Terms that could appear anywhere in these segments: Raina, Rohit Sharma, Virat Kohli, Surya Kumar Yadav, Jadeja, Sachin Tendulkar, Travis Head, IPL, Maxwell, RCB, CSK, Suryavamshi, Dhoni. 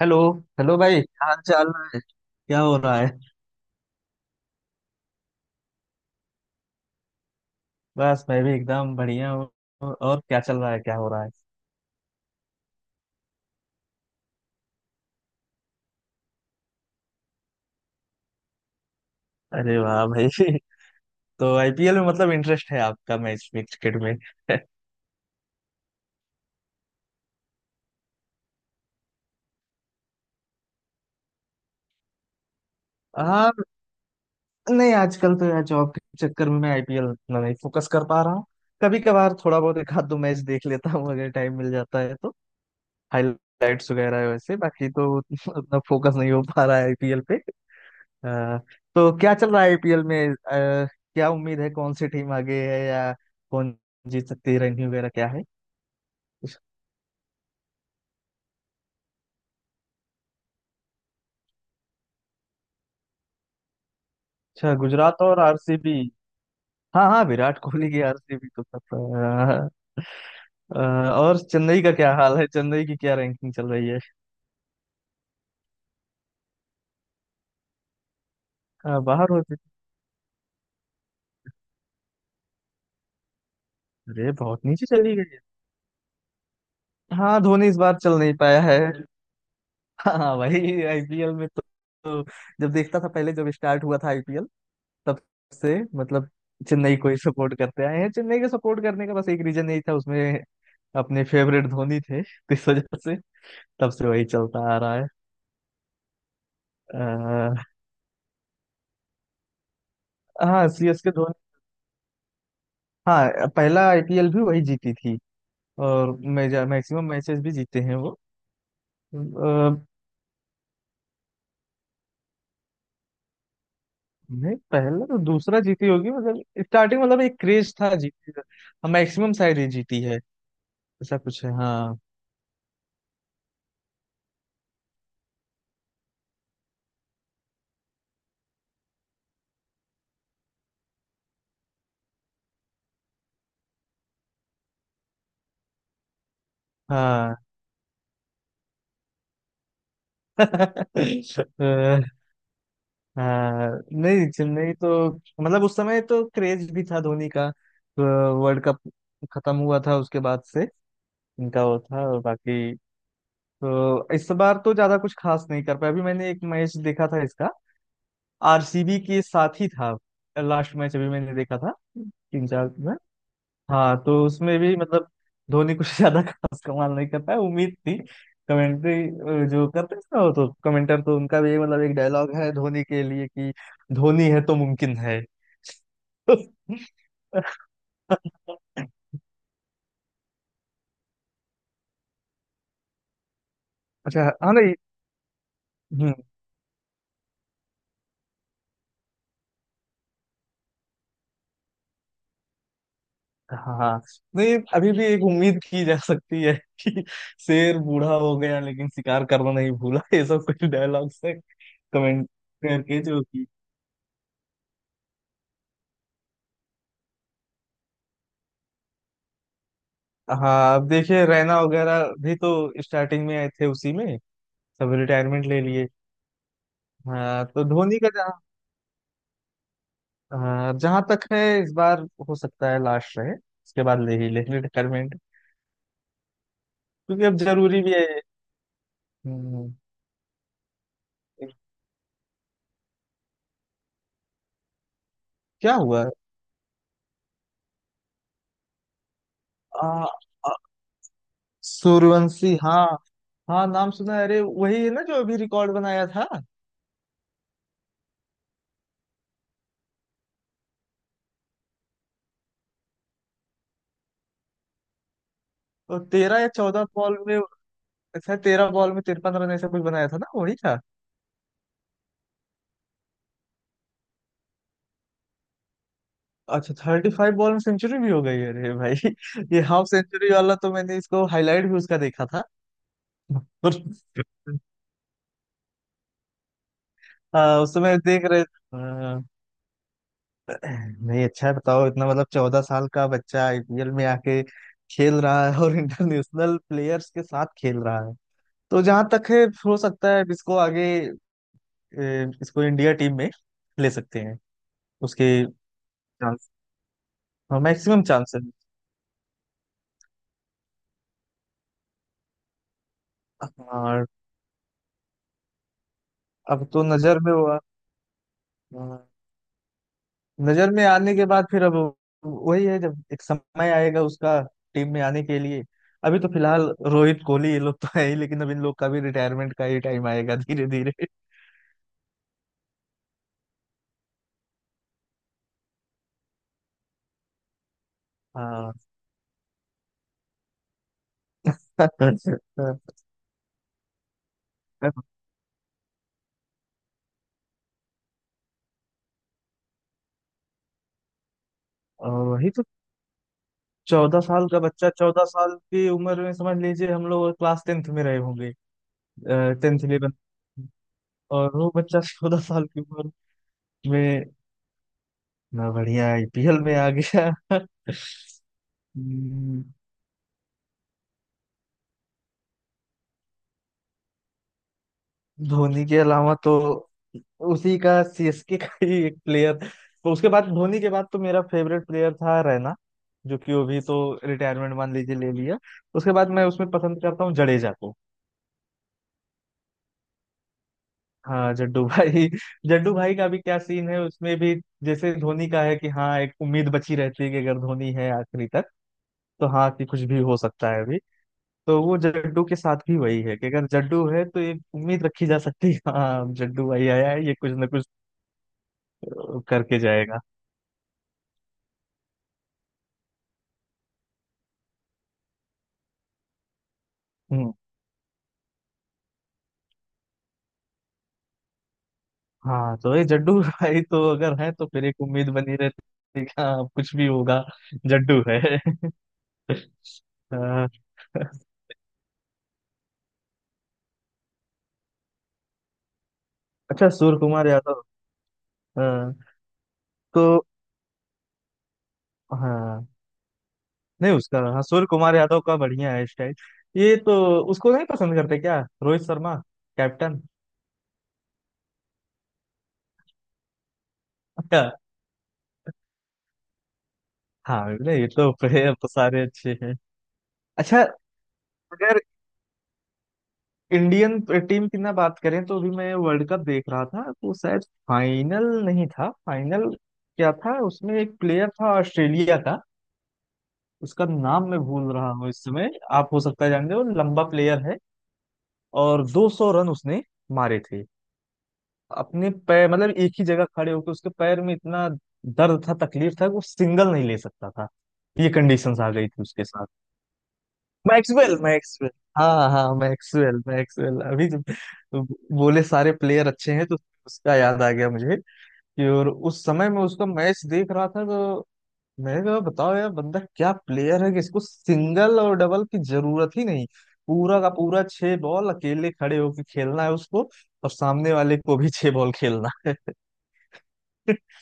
Hello. Hello भाई, क्या हाल चाल है? क्या हो रहा है? बस मैं भी एकदम बढ़िया हूँ। और क्या चल रहा है? क्या हो रहा है? अरे वाह भाई। तो आईपीएल में मतलब इंटरेस्ट है आपका, मैच में, क्रिकेट में? हाँ। नहीं, आजकल तो यार जॉब के चक्कर में मैं आईपीएल उतना नहीं फोकस कर पा रहा हूँ। कभी कभार थोड़ा बहुत एक आध दो मैच देख लेता हूँ अगर टाइम मिल जाता है तो। हाइलाइट्स वगैरह है वैसे, बाकी तो उतना फोकस नहीं हो पा रहा है आईपीएल पे। अ, तो क्या चल रहा है आईपीएल में? क्या उम्मीद है, कौन सी टीम आगे है, या कौन जीत सकती है, रैंकिंग वगैरह क्या है? अच्छा, गुजरात और आरसीबी। हाँ हाँ, विराट कोहली की आरसीबी तो सब। अ, अ, और चेन्नई का क्या हाल है? चेन्नई की क्या रैंकिंग चल रही है? बाहर होती। अरे, बहुत नीचे चली गई है। हाँ, धोनी इस बार चल नहीं पाया है। हाँ भाई, आईपीएल में तो जब देखता था पहले, जब स्टार्ट हुआ था आईपीएल, तब से मतलब चेन्नई को ही सपोर्ट करते आए हैं। चेन्नई को सपोर्ट करने का बस एक रीजन यही था, उसमें अपने फेवरेट धोनी थे तो इस वजह से तब से वही चलता आ रहा है। अह, हाँ, सीएसके, धोनी। हाँ, पहला आईपीएल भी वही जीती थी, और मेजर मैक्सिमम मैचेस भी जीते हैं वो। अह, नहीं, पहला तो दूसरा जीती होगी, मतलब स्टार्टिंग मतलब एक क्रेज था, जीती का मैक्सिमम शायद ये जीती है, ऐसा कुछ है। हाँ। हाँ। हाँ। नहीं, चेन्नई तो मतलब उस समय तो क्रेज भी था धोनी का तो। वर्ल्ड कप खत्म हुआ था उसके बाद से, इनका वो था। और बाकी तो इस बार तो ज्यादा कुछ खास नहीं कर पाया, अभी मैंने एक मैच देखा था इसका, आरसीबी के साथ ही था। लास्ट मैच अभी मैंने देखा था, तीन चार में। हाँ, तो उसमें भी मतलब धोनी कुछ ज्यादा खास कमाल नहीं करता है, उम्मीद थी। कमेंट्री जो करते हैं ना, वो तो कमेंटर तो उनका भी मतलब एक डायलॉग है धोनी के लिए कि धोनी है तो मुमकिन है। अच्छा, हाँ। नहीं। हम्म, हाँ हाँ। नहीं, अभी भी एक उम्मीद की जा सकती है कि शेर बूढ़ा हो गया लेकिन शिकार करना नहीं भूला। ये सब कुछ डायलॉग्स है, कमेंट करके, जो कि हाँ, अब देखिए रैना वगैरह भी तो स्टार्टिंग में आए थे उसी में, सब रिटायरमेंट ले लिए। हाँ तो धोनी का जहाँ, हाँ, जहाँ तक है इस बार, हो सकता है लास्ट रहे, उसके बाद ले ही ले रिटायरमेंट, क्योंकि अब जरूरी भी है। हम्म, क्या हुआ? आ, आ, सूर्यवंशी। हाँ हाँ, नाम सुना है। अरे वही है ना जो अभी रिकॉर्ड बनाया था। तो 13 या 14 बॉल में, अच्छा 13 बॉल में 53 रन ऐसा कुछ बनाया था ना, वही था। अच्छा, 35 बॉल में सेंचुरी भी हो गई है? अरे भाई! ये हाफ सेंचुरी वाला तो मैंने इसको हाईलाइट भी उसका देखा था। और हाँ, उस समय देख रहे। हाँ। नहीं, अच्छा है, बताओ इतना मतलब 14 साल का बच्चा आईपीएल में आके खेल रहा है, और इंटरनेशनल प्लेयर्स के साथ खेल रहा है। तो जहां तक है, हो सकता है इसको आगे, इसको इंडिया टीम में ले सकते हैं। उसके चांस, मैक्सिमम चांस है। और अब तो नजर में हुआ, नजर में आने के बाद फिर अब वही है, जब एक समय आएगा उसका टीम में आने के लिए। अभी तो फिलहाल रोहित, कोहली ये लोग तो है ही, लेकिन अब इन लोग का भी रिटायरमेंट का ही टाइम आएगा धीरे धीरे। हाँ। और वही तो, 14 साल का बच्चा, 14 साल की उम्र में समझ लीजिए हम लोग क्लास 10th में रहे होंगे, 10th, 11th, और वो बच्चा 14 साल की उम्र में ना बढ़िया आईपीएल में आ गया। हम्म, धोनी के अलावा तो उसी का सीएसके का ही एक प्लेयर, तो उसके बाद, धोनी के बाद तो मेरा फेवरेट प्लेयर था रैना, जो कि वो भी तो रिटायरमेंट मान लीजिए ले लिया। उसके बाद मैं उसमें पसंद करता हूँ जडेजा को। हाँ, जड्डू भाई। जड्डू भाई का भी क्या सीन है, उसमें भी जैसे धोनी का है कि हाँ एक उम्मीद बची रहती है कि अगर धोनी है आखिरी तक, तो हाँ कि कुछ भी हो सकता है अभी। तो वो जड्डू के साथ भी वही है कि अगर जड्डू है तो ये उम्मीद रखी जा सकती है, हाँ जड्डू भाई आया है ये कुछ ना कुछ करके जाएगा। हम्म। हाँ तो ये जड्डू भाई तो अगर है तो फिर एक उम्मीद बनी रहती है कि हाँ कुछ भी होगा, जड्डू है। हाँ। अच्छा, सूर्य कुमार यादव। हाँ। तो हाँ, नहीं उसका, हाँ सूर्य कुमार यादव का बढ़िया है स्टाइल। ये तो, उसको नहीं पसंद करते क्या रोहित शर्मा, कैप्टन? अच्छा। हाँ, नहीं ये तो प्लेयर तो सारे अच्छे हैं। अच्छा, अगर इंडियन टीम की ना बात करें, तो अभी मैं वर्ल्ड कप देख रहा था, तो शायद फाइनल नहीं था, फाइनल क्या था, उसमें एक प्लेयर था ऑस्ट्रेलिया का, उसका नाम मैं भूल रहा हूँ इस समय। आप हो सकता है जानते हो, लंबा प्लेयर है, और 200 रन उसने मारे थे अपने पैर, मतलब एक ही जगह खड़े होकर, उसके पैर में इतना दर्द था, तकलीफ था कि वो सिंगल नहीं ले सकता था। ये कंडीशंस आ गई थी उसके। मैक्सवेल? मैक्सवेल? हाँ हाँ, मैक्सवेल मैक्सवेल। अभी जब बोले सारे प्लेयर अच्छे हैं तो उसका याद आ गया मुझे, कि और उस समय मैं उसका मैच देख रहा था तो मैंने कहा, बताओ यार, बंदा क्या प्लेयर है कि इसको सिंगल और डबल की जरूरत ही नहीं। पूरा का पूरा 6 बॉल अकेले खड़े होकर खेलना है उसको, और सामने वाले को भी 6 बॉल खेलना है।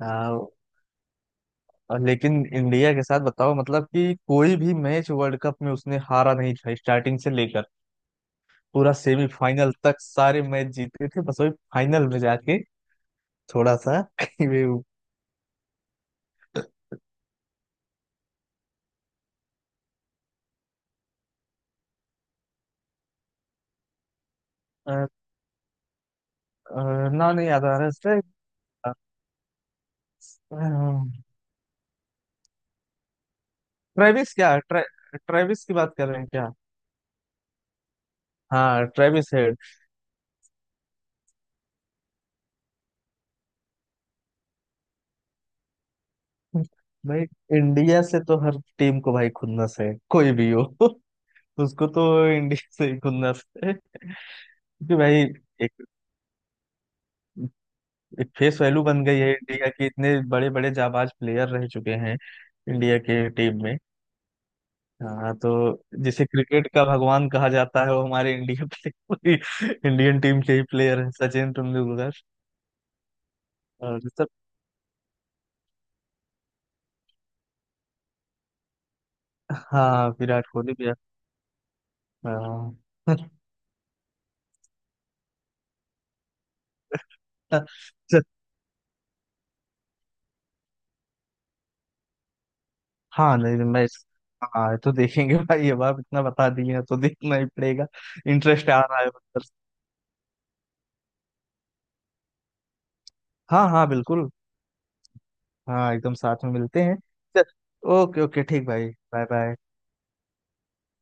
हाँ। और लेकिन इंडिया के साथ बताओ मतलब कि कोई भी मैच वर्ल्ड कप में उसने हारा नहीं था, स्टार्टिंग से लेकर पूरा सेमीफाइनल तक सारे मैच जीते थे, बस वही फाइनल में जाके थोड़ा सा कहीं भी वो, अ, नाम नहीं याद आ रहा इसका। ट्रेविस क्या, ट्रेविस की बात कर रहे हैं क्या? हाँ, ट्रेविस हेड। भाई, इंडिया से तो हर टीम को भाई खुन्नस है, कोई भी हो। उसको तो इंडिया से ही खुन्नस है, क्योंकि भाई एक, एक फेस वैल्यू बन गई है इंडिया की, इतने बड़े बड़े जाबाज प्लेयर रह चुके हैं इंडिया के टीम में। हाँ, तो जिसे क्रिकेट का भगवान कहा जाता है वो हमारे इंडिया प्ले इंडियन टीम के ही प्लेयर है, सचिन तेंदुलकर। और सब। हाँ, विराट कोहली भी है। हाँ। चल, हाँ, नहीं नहीं, मैं, हाँ ये तो देखेंगे भाई, अब आप इतना बता दिए हैं तो देखना ही पड़ेगा, इंटरेस्ट आ रहा है मतलब। हाँ हाँ, बिल्कुल। हाँ, एकदम साथ में मिलते हैं। चल, ओके ओके, ठीक भाई। Bye bye.